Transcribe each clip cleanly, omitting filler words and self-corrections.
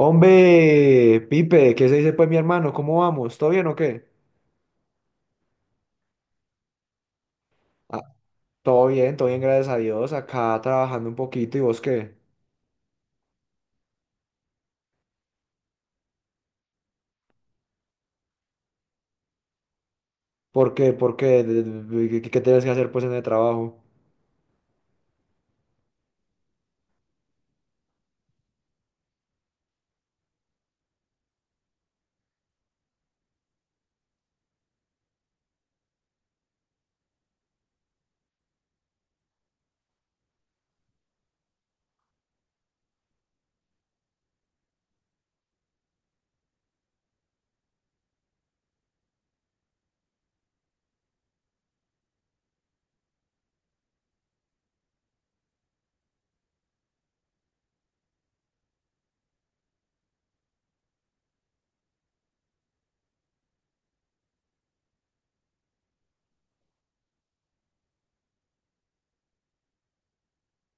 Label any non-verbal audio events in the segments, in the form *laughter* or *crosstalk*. Hombre, Pipe, ¿qué se dice pues mi hermano? ¿Cómo vamos? ¿Todo bien o qué? Ah, Todo bien, todo bien, gracias a Dios. Acá trabajando un poquito, ¿y vos qué? ¿Por qué? ¿Por qué? Qué tienes que hacer pues en el trabajo?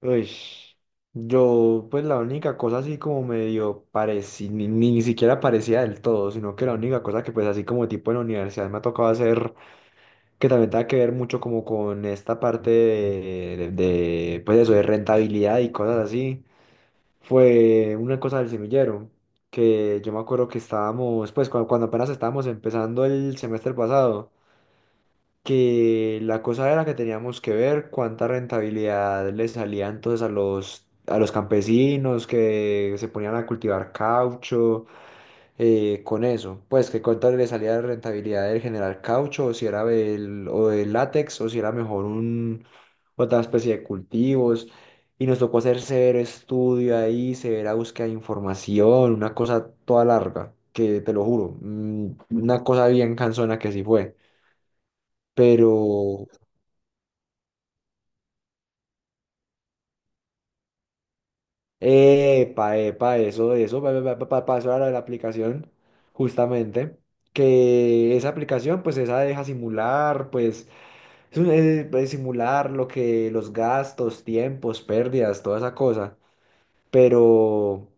Uy, yo pues la única cosa así como medio parecía, ni siquiera parecía del todo, sino que la única cosa que pues así como tipo en la universidad me ha tocado hacer, que también tenga que ver mucho como con esta parte pues eso, de rentabilidad y cosas así, fue una cosa del semillero, que yo me acuerdo que estábamos, pues cuando apenas estábamos empezando el semestre pasado, que la cosa era que teníamos que ver cuánta rentabilidad le salía entonces a los campesinos que se ponían a cultivar caucho con eso. Pues que cuánto le salía de rentabilidad del generar caucho, o si era del látex, o si era mejor otra especie de cultivos. Y nos tocó hacer severo estudio ahí, severa búsqueda de información, una cosa toda larga, que te lo juro, una cosa bien cansona que sí fue. Pero, epa, epa, eso, pa, pa, pa, pasó a la de la aplicación, justamente, que esa aplicación, pues esa deja simular, pues. Pues, simular lo que los gastos, tiempos, pérdidas, toda esa cosa. Pero,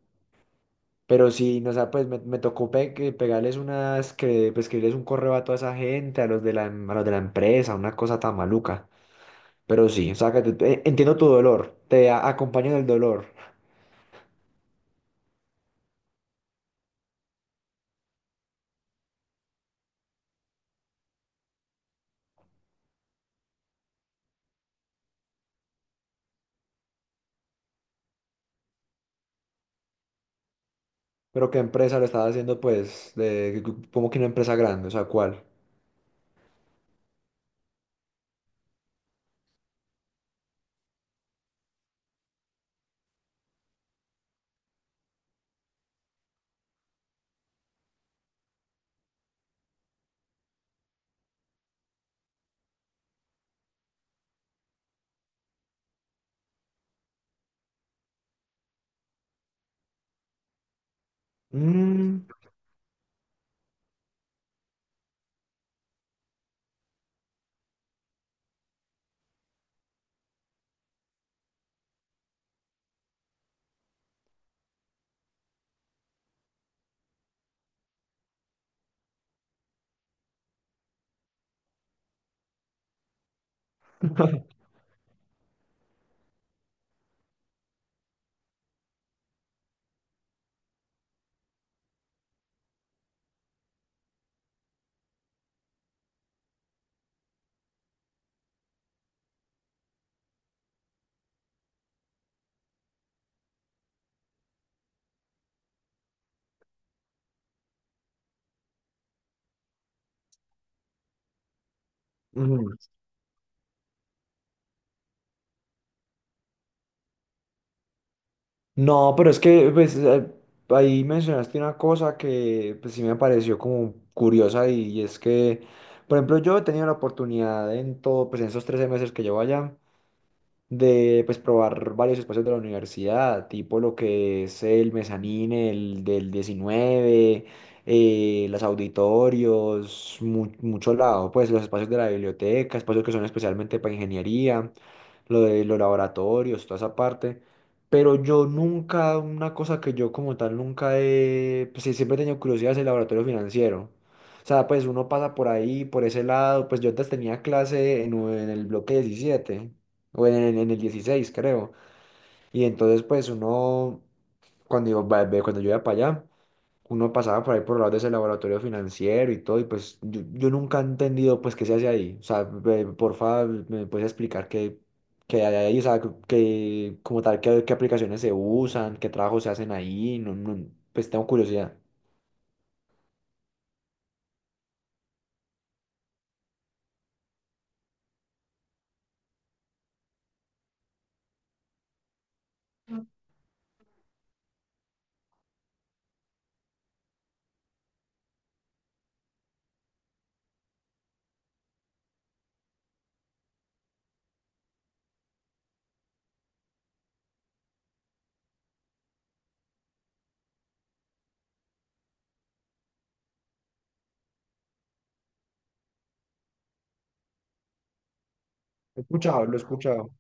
pero sí, no, o sea, me tocó pe- que pegarles unas, que, pues, escribirles un correo a toda esa gente, a los de la, a los de la empresa, una cosa tan maluca. Pero sí, o sea, que entiendo tu dolor, te acompaño en el dolor. Pero ¿qué empresa lo estaba haciendo, pues, de, como que una empresa grande? O sea, ¿cuál? Mm. *laughs* Ujú. No, pero es que pues, ahí mencionaste una cosa que pues, sí me pareció como curiosa y es que, por ejemplo, yo he tenido la oportunidad en todo, pues en esos 13 meses que llevo allá, de pues probar varios espacios de la universidad, tipo lo que es el mezanín, el del diecinueve, los auditorios, mucho lado, pues los espacios de la biblioteca, espacios que son especialmente para ingeniería, lo de los laboratorios, toda esa parte. Pero yo nunca, una cosa que yo como tal nunca he, pues sí, siempre he tenido curiosidad es el laboratorio financiero. O sea, pues uno pasa por ahí, por ese lado, pues yo antes tenía clase en el bloque 17 o en el 16 creo. Y entonces, pues uno, cuando yo iba para allá, uno pasaba por ahí por el lado de ese laboratorio financiero y todo, y pues yo nunca he entendido, pues, qué se hace ahí. O sea, porfa, ¿me puedes explicar qué, qué hay ahí? O sea, que como tal, qué, qué aplicaciones se usan, qué trabajos se hacen ahí, no, no, pues tengo curiosidad. He escuchado, lo he escuchado.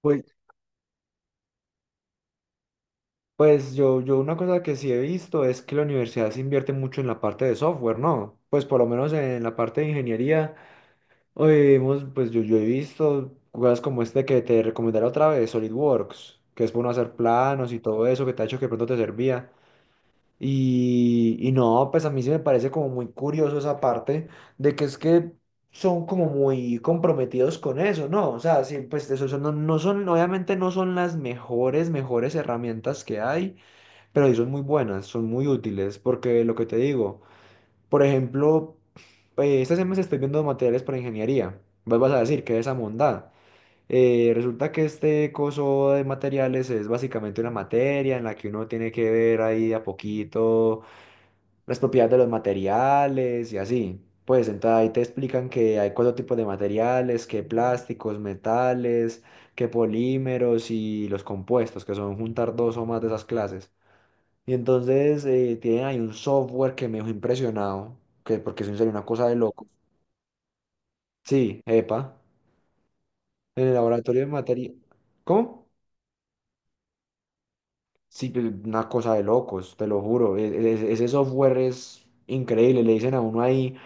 Pues, pues yo una cosa que sí he visto es que la universidad se invierte mucho en la parte de software, ¿no? Pues por lo menos en la parte de ingeniería. Hoy vimos, pues yo he visto jugadas como este que te recomendaré otra vez, SolidWorks, que es para uno hacer planos y todo eso que te ha hecho que de pronto te servía. Y no, pues a mí sí me parece como muy curioso esa parte de que es que son como muy comprometidos con eso, ¿no? O sea, sí, pues eso no, no son, obviamente no son las mejores, mejores herramientas que hay, pero sí son muy buenas, son muy útiles, porque lo que te digo. Por ejemplo, esta semana estoy viendo materiales para ingeniería. Vos vas a decir que esa mondada. Resulta que este coso de materiales es básicamente una materia en la que uno tiene que ver ahí de a poquito las propiedades de los materiales y así. Pues entonces ahí te explican que hay cuatro tipos de materiales, que plásticos, metales, que polímeros y los compuestos, que son juntar dos o más de esas clases. Y entonces tienen ahí un software que me dejó impresionado, que, porque es en una cosa de loco. Sí, epa, en el laboratorio de materia. ¿Cómo? Sí, pues, una cosa de locos, te lo juro. Ese, ese software es increíble, le dicen a uno ahí,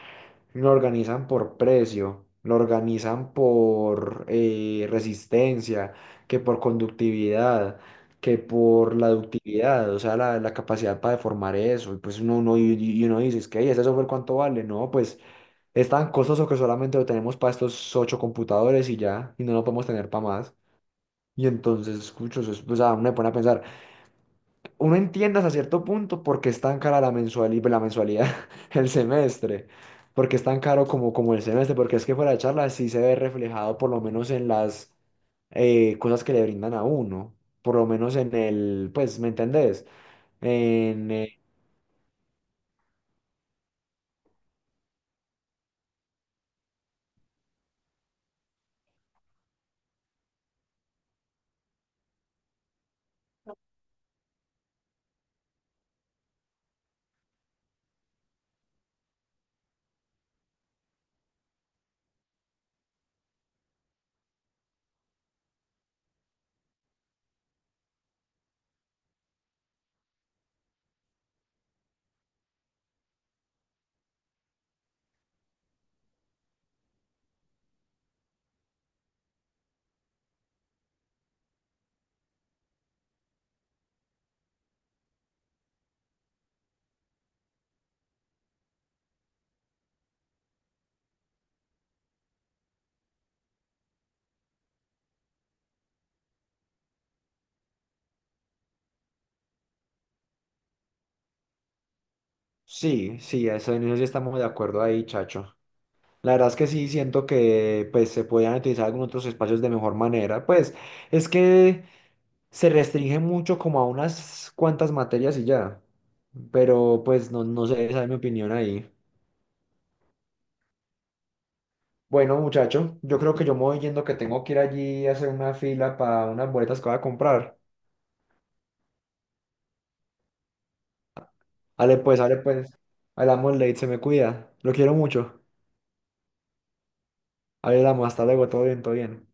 lo organizan por precio, lo organizan por resistencia, que por conductividad, que por la ductividad, o sea, la capacidad para deformar eso. Y pues uno, uno, y uno dice, es que, "Ey, ¿ese software cuánto vale? No, pues... Es tan costoso que solamente lo tenemos para estos ocho computadores y ya, y no lo podemos tener para más." Y entonces, escucho, o sea, uno me pone a pensar, uno entiende hasta cierto punto por qué es tan cara la mensualidad, *laughs* el semestre, porque es tan caro como, como el semestre, porque es que fuera de charla sí se ve reflejado por lo menos en las cosas que le brindan a uno, por lo menos en el, pues, ¿me entendés? En, eh, sí, sí, eso, en eso sí estamos de acuerdo ahí, chacho. La verdad es que sí, siento que pues, se podían utilizar algunos otros espacios de mejor manera. Pues es que se restringe mucho como a unas cuantas materias y ya. Pero pues no, no sé, esa es mi opinión ahí. Bueno, muchacho, yo creo que yo me voy yendo que tengo que ir allí a hacer una fila para unas boletas que voy a comprar. Ale pues, ale pues. Hablamos late, se me cuida. Lo quiero mucho. Hablamos, hasta luego, todo bien, todo bien.